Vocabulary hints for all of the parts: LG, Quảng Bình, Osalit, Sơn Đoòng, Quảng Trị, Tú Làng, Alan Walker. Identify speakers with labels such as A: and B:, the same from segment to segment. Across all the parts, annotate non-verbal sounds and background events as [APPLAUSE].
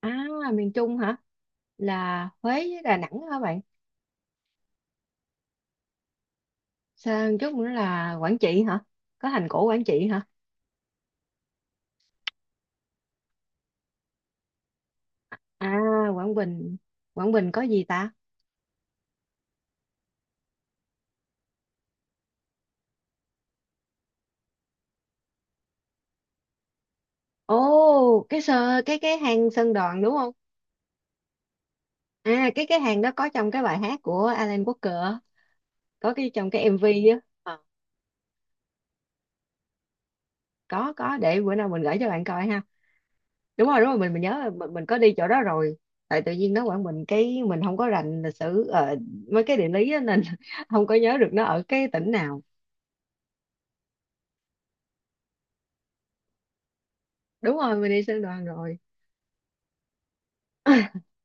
A: À, miền Trung hả? Là Huế với Đà Nẵng hả bạn? Sang chút nữa là Quảng Trị hả? Có thành cổ Quảng Trị hả? À, Quảng Bình. Quảng Bình có gì ta? Ồ, cái sơ cái hang Sơn Đoòng đúng không? À, cái hàng đó có trong cái bài hát của Alan Walker á, có cái trong cái MV á. Ờ, có để bữa nào mình gửi cho bạn coi ha. Đúng rồi, mình nhớ là mình có đi chỗ đó rồi. Tại tự nhiên nó Quảng Bình cái mình không có rành lịch sử mấy cái địa lý á, nên [LAUGHS] không có nhớ được nó ở cái tỉnh nào. Đúng rồi, mình đi sư đoàn rồi. [LAUGHS]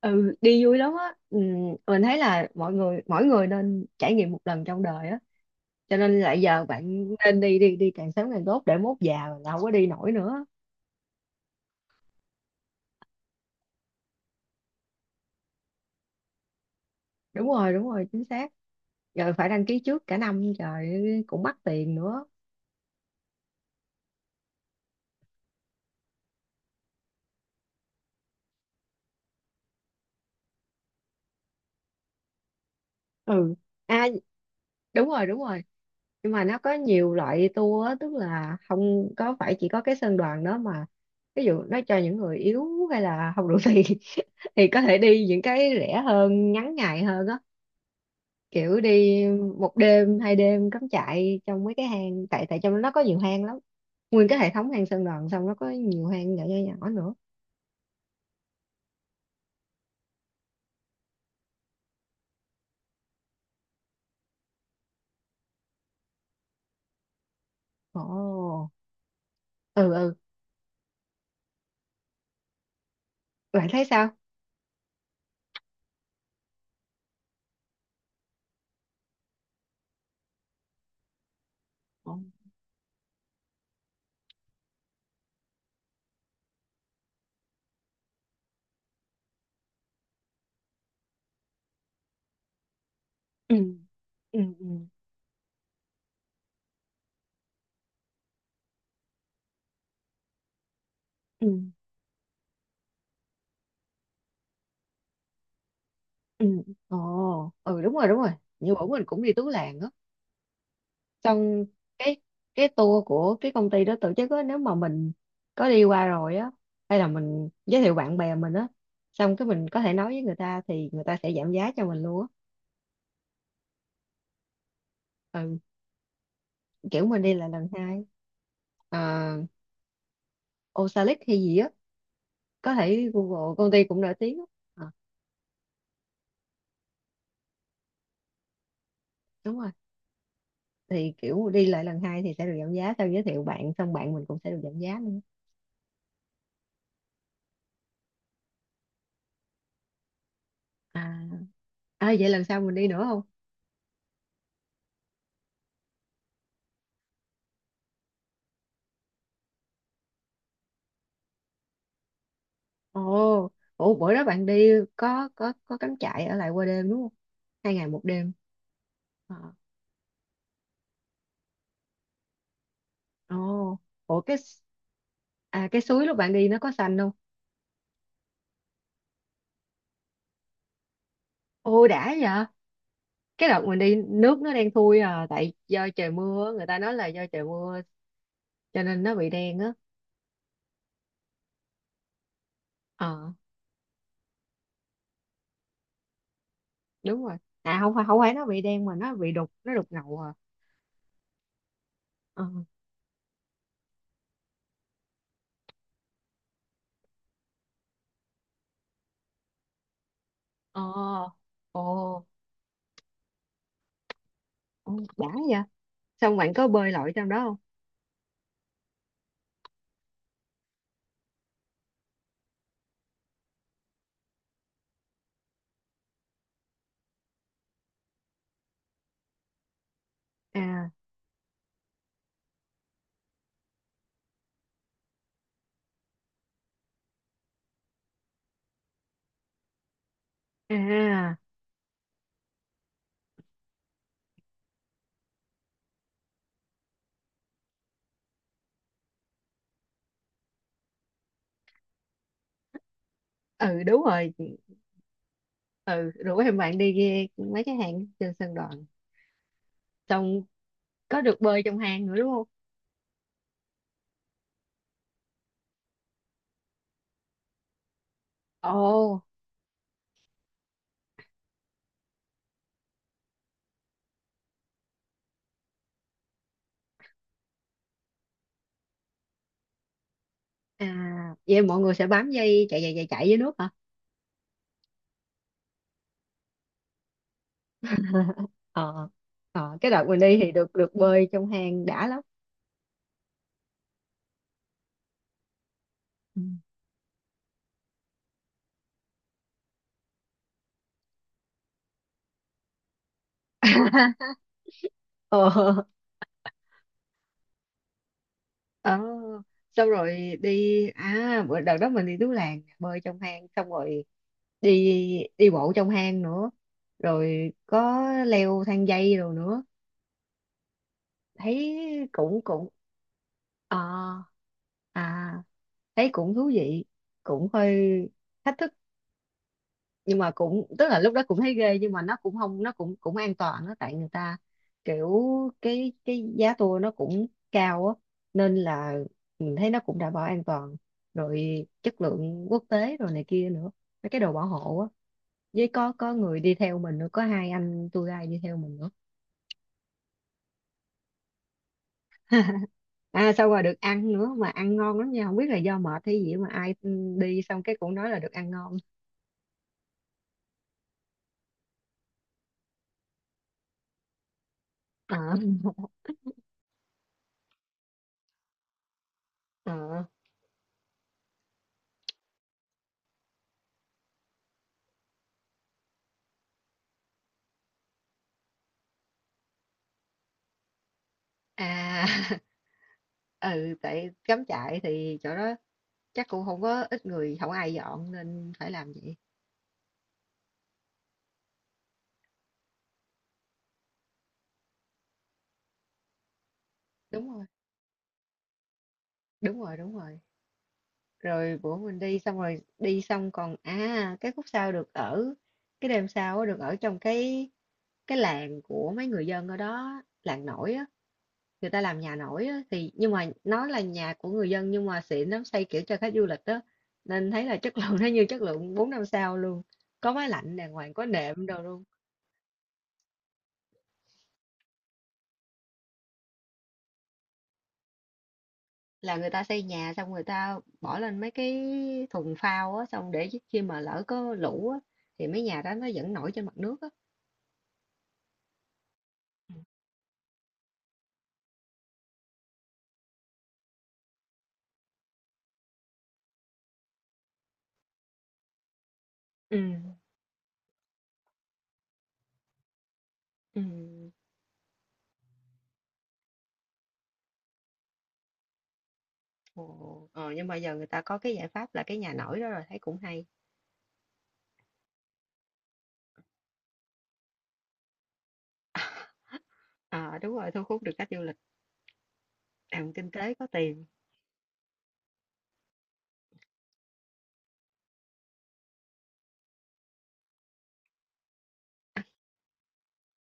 A: Ừ đi vui lắm á, ừ, mình thấy là mọi người, mỗi người nên trải nghiệm một lần trong đời á, cho nên là giờ bạn nên đi, đi đi càng sớm càng tốt, để mốt già là không có đi nổi nữa. Đúng rồi, đúng rồi, chính xác. Rồi phải đăng ký trước cả năm trời, cũng mắc tiền nữa. Ừ, à, đúng rồi, đúng rồi, nhưng mà nó có nhiều loại tour á, tức là không có phải chỉ có cái sơn đoàn đó mà, ví dụ nó cho những người yếu hay là không đủ tiền [LAUGHS] thì có thể đi những cái rẻ hơn, ngắn ngày hơn á, kiểu đi một đêm hai đêm cắm trại trong mấy cái hang, tại tại trong nó có nhiều hang lắm. Nguyên cái hệ thống hang sơn đoàn, xong nó có nhiều hang nhỏ nhỏ nhỏ nữa. Ồ, ừ ừ, bạn thấy sao? Ồ. Ừ ừ, ừ ừ, ừ. Ồ ừ, đúng rồi, đúng rồi, như bữa mình cũng đi Tú Làng á, xong cái cái tour của cái công ty đó tổ chức á, nếu mà mình có đi qua rồi á, hay là mình giới thiệu bạn bè mình á, xong cái mình có thể nói với người ta thì người ta sẽ giảm giá cho mình luôn á. Ừ, kiểu mình đi là lần hai. À, Osalit hay gì á, có thể Google, công ty cũng nổi tiếng á. Ờ, đúng rồi, thì kiểu đi lại lần hai thì sẽ được giảm giá, sau giới thiệu bạn xong bạn mình cũng sẽ được giảm giá nữa. À, à vậy lần sau mình đi nữa không? Ồ, ủa bữa đó bạn đi có cắm trại ở lại qua đêm đúng không? Hai ngày một đêm. Ờ. Ồ, ủa cái s- à cái suối lúc bạn đi nó có xanh không? Ôi đã vậy. Cái đợt mình đi nước nó đen thui à, tại do trời mưa, người ta nói là do trời mưa cho nên nó bị đen á. Ờ, đúng rồi. À không phải, không phải nó bị đen mà nó bị đục, nó đục ngầu à. Ờ. Ờ. Ồ, ồ, đã vậy. Xong bạn có bơi lội trong đó không? À, à. Ừ đúng rồi, ừ rủ em bạn đi ghe mấy cái hang trên sân đòn, xong có được bơi trong hang nữa đúng không? Ồ, à vậy mọi người sẽ bám dây chạy chạy chạy chạy dưới nước hả? [LAUGHS] Ờ, ờ cái đợt mình đi thì được được bơi trong hang đã lắm. Ừ. [LAUGHS] Ờ, ờ xong rồi đi, à bữa đợt đó mình đi Tú Làng bơi trong hang, xong rồi đi, đi bộ trong hang nữa, rồi có leo thang dây rồi nữa, thấy cũng cũng ờ, à thấy cũng thú vị, cũng hơi thách thức, nhưng mà cũng tức là lúc đó cũng thấy ghê nhưng mà nó cũng không, nó cũng cũng an toàn đó, tại người ta kiểu, cái giá tour nó cũng cao á, nên là mình thấy nó cũng đảm bảo an toàn rồi, chất lượng quốc tế rồi này kia nữa, mấy cái đồ bảo hộ á, với có người đi theo mình nữa, có hai anh tour guide đi theo mình nữa. À xong rồi được ăn nữa, mà ăn ngon lắm nha, không biết là do mệt hay gì mà ai đi xong cái cũng nói là được ăn ngon. Ờ. Ờ. À [LAUGHS] ừ tại cắm trại thì chỗ đó chắc cũng không có ít người, không ai dọn nên phải làm vậy. Đúng rồi, đúng rồi, đúng rồi, rồi bữa mình đi xong, rồi đi xong còn à cái khúc sau được ở cái đêm sau á, được ở trong cái làng của mấy người dân ở đó, làng nổi á, người ta làm nhà nổi á, thì nhưng mà nó là nhà của người dân nhưng mà xịn lắm, xây kiểu cho khách du lịch đó, nên thấy là chất [LAUGHS] lượng nó như chất lượng 4 năm sao luôn, có máy lạnh đàng hoàng, có nệm đồ luôn. Là người ta xây nhà xong người ta bỏ lên mấy cái thùng phao á, xong để khi mà lỡ có lũ á thì mấy nhà đó nó vẫn nổi trên mặt nước á. Ừ, ừ. Ồ, ờ, nhưng mà giờ người ta có cái giải pháp là cái nhà nổi đó rồi, thấy cũng hay. Ờ đúng rồi, thu hút được khách du lịch, làm kinh tế có tiền.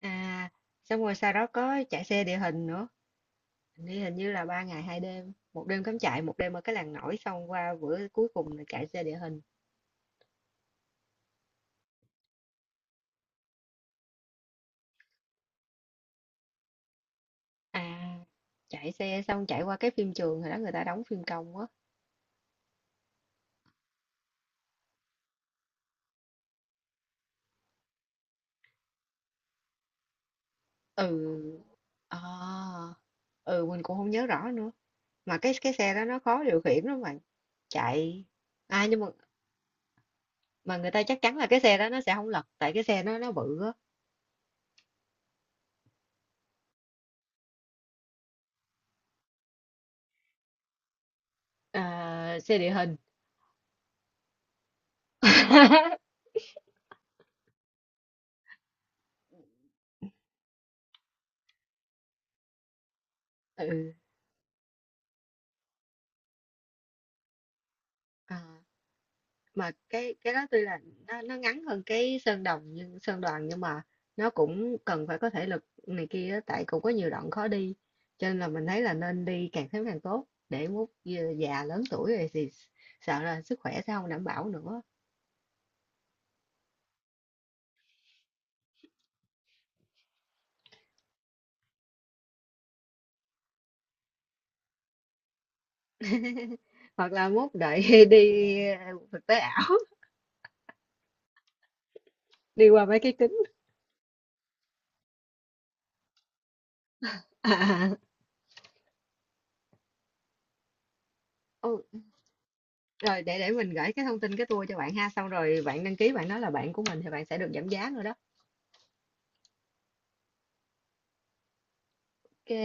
A: À, xong rồi sau đó có chạy xe địa hình nữa. Hình như, hình như là ba ngày hai đêm, một đêm cắm trại, một đêm ở cái làng nổi, xong qua bữa cuối cùng là chạy xe địa hình. À, chạy xe xong chạy qua cái phim trường hồi đó người ta đóng phim công á. Ừ. À, ừ mình cũng không nhớ rõ nữa. Mà cái xe đó nó khó điều khiển lắm mà chạy. À nhưng mà người ta chắc chắn là cái xe đó nó sẽ không lật, tại cái xe nó bự á. À, xe địa hình. [LAUGHS] Ừ. À. Mà cái đó tuy là nó ngắn hơn cái sơn đồng, nhưng sơn đoàn nhưng mà nó cũng cần phải có thể lực này kia á, tại cũng có nhiều đoạn khó đi, cho nên là mình thấy là nên đi càng sớm càng tốt, để mốt già lớn tuổi rồi thì sợ là sức khỏe sẽ không đảm bảo nữa. Hoặc là mốt đợi [LAUGHS] đi ờ, thực tế ảo [LAUGHS] đi qua mấy cái kính. [LAUGHS] À, ô, rồi để mình gửi cái thông tin cái tour cho bạn ha, xong rồi bạn đăng ký, bạn nói là bạn của mình thì bạn sẽ được giảm giá nữa đó. Ok.